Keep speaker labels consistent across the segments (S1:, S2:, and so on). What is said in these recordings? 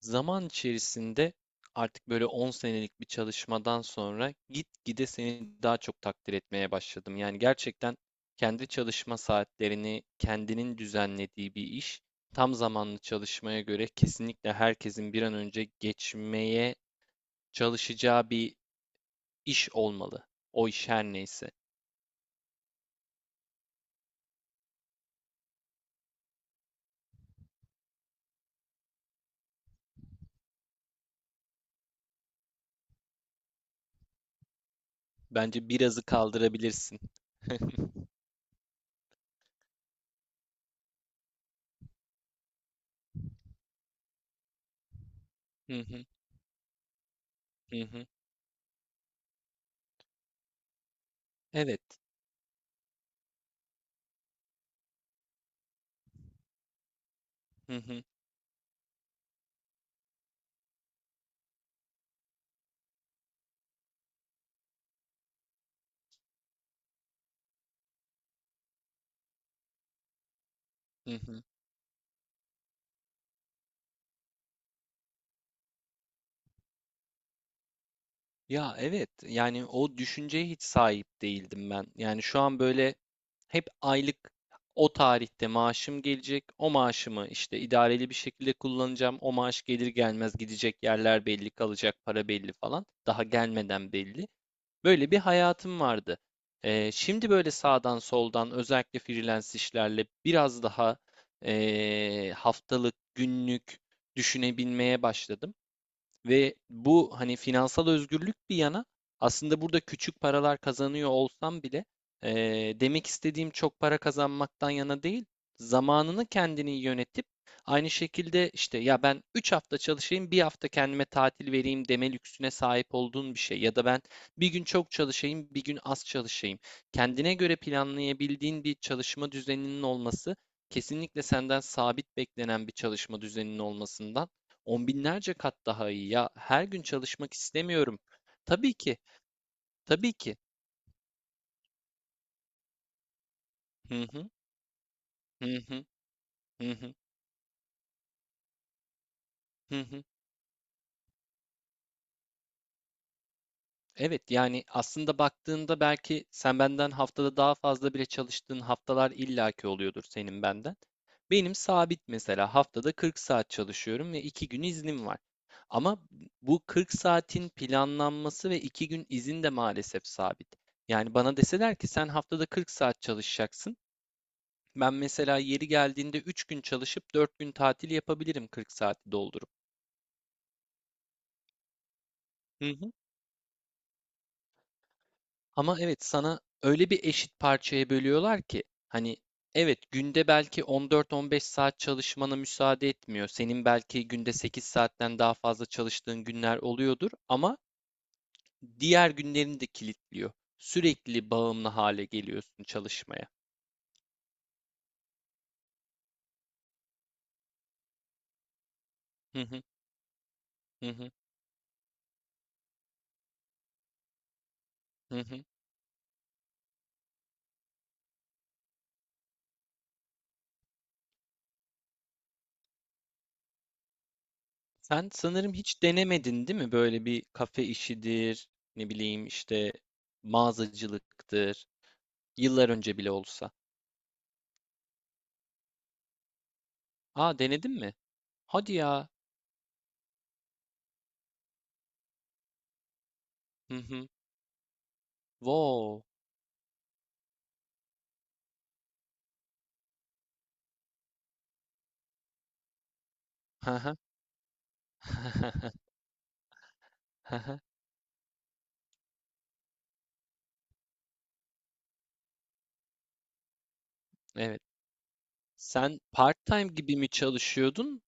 S1: Zaman içerisinde artık böyle 10 senelik bir çalışmadan sonra gitgide seni daha çok takdir etmeye başladım. Yani gerçekten kendi çalışma saatlerini kendinin düzenlediği bir iş, tam zamanlı çalışmaya göre kesinlikle herkesin bir an önce geçmeye çalışacağı bir iş olmalı. O iş her neyse. Bence birazı kaldırabilirsin. Hı hı, hı hı. Evet. Hı hı, hı hı. Ya evet yani o düşünceye hiç sahip değildim ben. Yani şu an böyle hep aylık o tarihte maaşım gelecek. O maaşımı işte idareli bir şekilde kullanacağım. O maaş gelir gelmez gidecek yerler belli, kalacak para belli falan. Daha gelmeden belli. Böyle bir hayatım vardı. Şimdi böyle sağdan soldan özellikle freelance işlerle biraz daha haftalık, günlük düşünebilmeye başladım. Ve bu hani finansal özgürlük bir yana aslında burada küçük paralar kazanıyor olsam bile demek istediğim çok para kazanmaktan yana değil, zamanını kendini yönetip aynı şekilde işte ya ben 3 hafta çalışayım bir hafta kendime tatil vereyim deme lüksüne sahip olduğun bir şey ya da ben bir gün çok çalışayım bir gün az çalışayım. Kendine göre planlayabildiğin bir çalışma düzeninin olması kesinlikle senden sabit beklenen bir çalışma düzeninin olmasından on binlerce kat daha iyi ya. Her gün çalışmak istemiyorum. Tabii ki, tabii ki. Hı hı, hı hı, hı hı, hı hı. Evet, yani aslında baktığında belki sen benden haftada daha fazla bile çalıştığın haftalar illaki oluyordur senin benden. Benim sabit mesela haftada 40 saat çalışıyorum ve 2 gün iznim var. Ama bu 40 saatin planlanması ve 2 gün izin de maalesef sabit. Yani bana deseler ki sen haftada 40 saat çalışacaksın. Ben mesela yeri geldiğinde 3 gün çalışıp 4 gün tatil yapabilirim 40 saati doldurup. Hı hı. Ama evet sana öyle bir eşit parçaya bölüyorlar ki hani evet günde belki on dört on beş saat çalışmana müsaade etmiyor. Senin belki günde 8 saatten daha fazla çalıştığın günler oluyordur ama diğer günlerini de kilitliyor. Sürekli bağımlı hale geliyorsun çalışmaya. Hı hı, hı hı, hı hı. Sen sanırım hiç denemedin değil mi? Böyle bir kafe işidir, ne bileyim işte mağazacılıktır. Yıllar önce bile olsa. Aa denedin mi? Hadi ya. Hı hı. Wow. Hı hı. Hı hı. Evet. Sen part-time gibi mi çalışıyordun?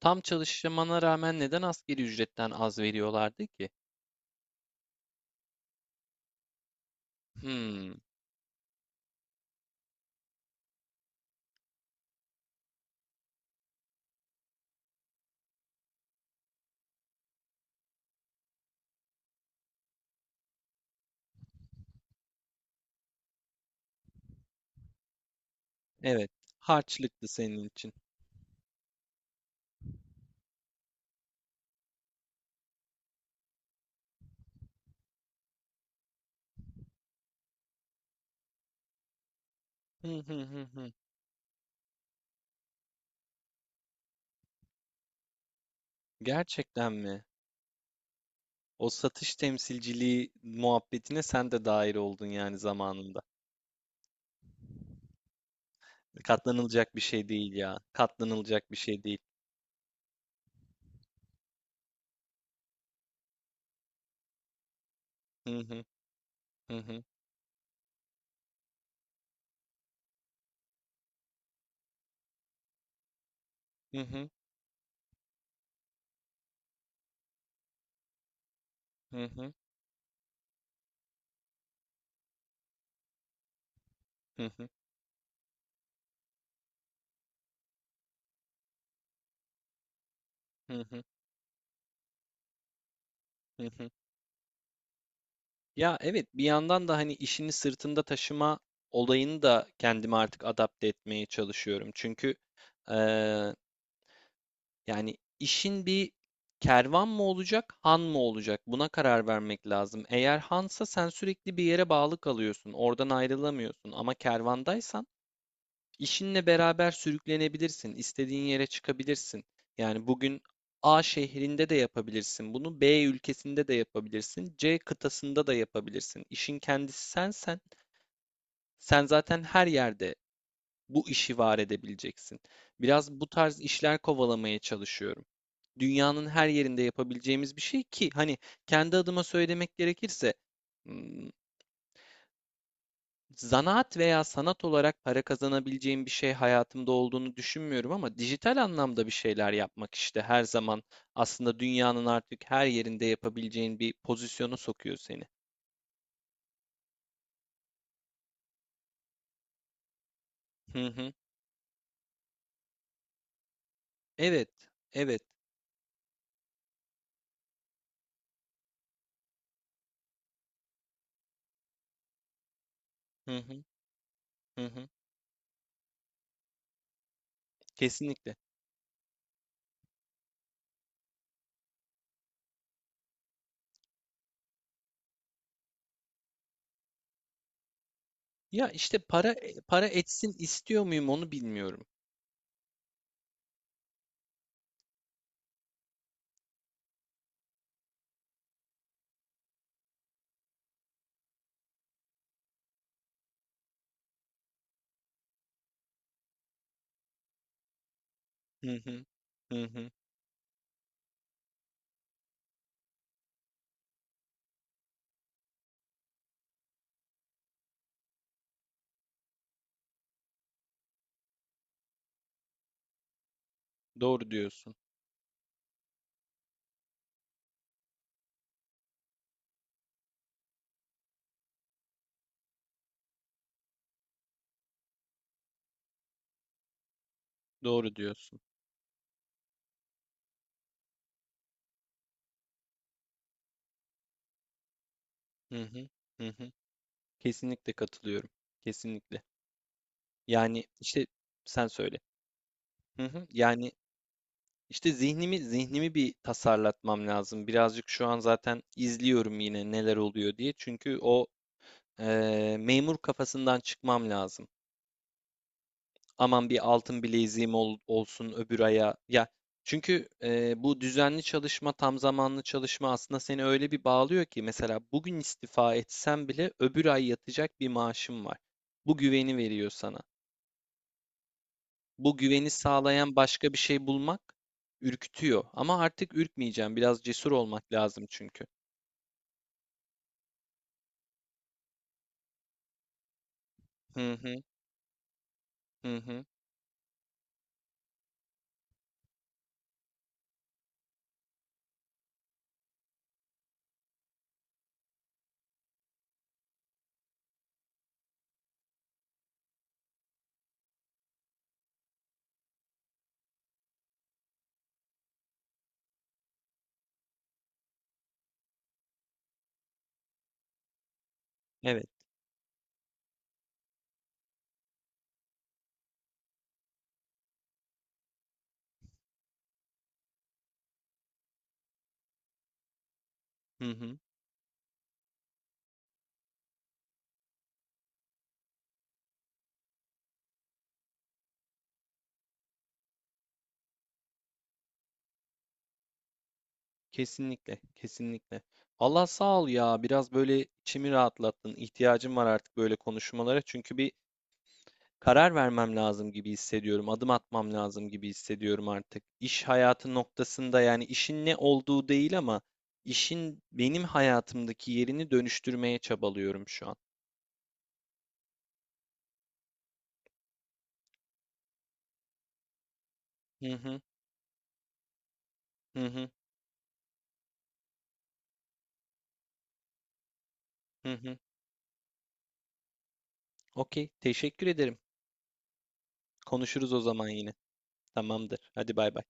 S1: Tam çalışmana rağmen neden asgari ücretten az veriyorlardı ki? Hmm. Evet. Harçlıktı senin için. Hı hı, hı hı. Gerçekten mi? O satış temsilciliği muhabbetine sen de dahil oldun yani zamanında. Katlanılacak bir şey değil ya. Katlanılacak bir şey değil. Hı hı, hı hı, hı hı, hı hı, hı hı, hı hı, hı hı. Ya evet bir yandan da hani işini sırtında taşıma olayını da kendime artık adapte etmeye çalışıyorum. Çünkü yani işin bir kervan mı olacak, han mı olacak? Buna karar vermek lazım. Eğer hansa sen sürekli bir yere bağlı kalıyorsun, oradan ayrılamıyorsun. Ama kervandaysan işinle beraber sürüklenebilirsin, istediğin yere çıkabilirsin. Yani bugün A şehrinde de yapabilirsin bunu, B ülkesinde de yapabilirsin, C kıtasında da yapabilirsin. İşin kendisi sensen, sen zaten her yerde bu işi var edebileceksin. Biraz bu tarz işler kovalamaya çalışıyorum. Dünyanın her yerinde yapabileceğimiz bir şey ki hani kendi adıma söylemek gerekirse m, zanaat veya sanat olarak para kazanabileceğim bir şey hayatımda olduğunu düşünmüyorum ama dijital anlamda bir şeyler yapmak işte her zaman aslında dünyanın artık her yerinde yapabileceğin bir pozisyona sokuyor seni. Hı hı. Evet, evet. Hı hı, hı hı. Kesinlikle. Ya işte para para etsin istiyor muyum onu bilmiyorum. Hı hı. Hı hı. Doğru diyorsun. Doğru diyorsun. Hı hı. Hı hı. Kesinlikle katılıyorum. Kesinlikle. Yani işte sen söyle. Hı hı. Yani işte zihnimi bir tasarlatmam lazım. Birazcık şu an zaten izliyorum yine neler oluyor diye. Çünkü o memur kafasından çıkmam lazım. Aman bir altın bileziğim olsun öbür aya. Ya çünkü bu düzenli çalışma, tam zamanlı çalışma aslında seni öyle bir bağlıyor ki mesela bugün istifa etsem bile öbür ay yatacak bir maaşım var. Bu güveni veriyor sana. Bu güveni sağlayan başka bir şey bulmak ürkütüyor. Ama artık ürkmeyeceğim. Biraz cesur olmak lazım çünkü. Hı hı, hı hı. Evet. Hı hı. Kesinlikle, kesinlikle. Allah sağ ol ya. Biraz böyle içimi rahatlattın. İhtiyacım var artık böyle konuşmalara. Çünkü bir karar vermem lazım gibi hissediyorum. Adım atmam lazım gibi hissediyorum artık. İş hayatı noktasında yani işin ne olduğu değil ama işin benim hayatımdaki yerini dönüştürmeye çabalıyorum şu an. Hı hı, hı hı, hı hı. Okey, teşekkür ederim. Konuşuruz o zaman yine. Tamamdır. Hadi bay bay.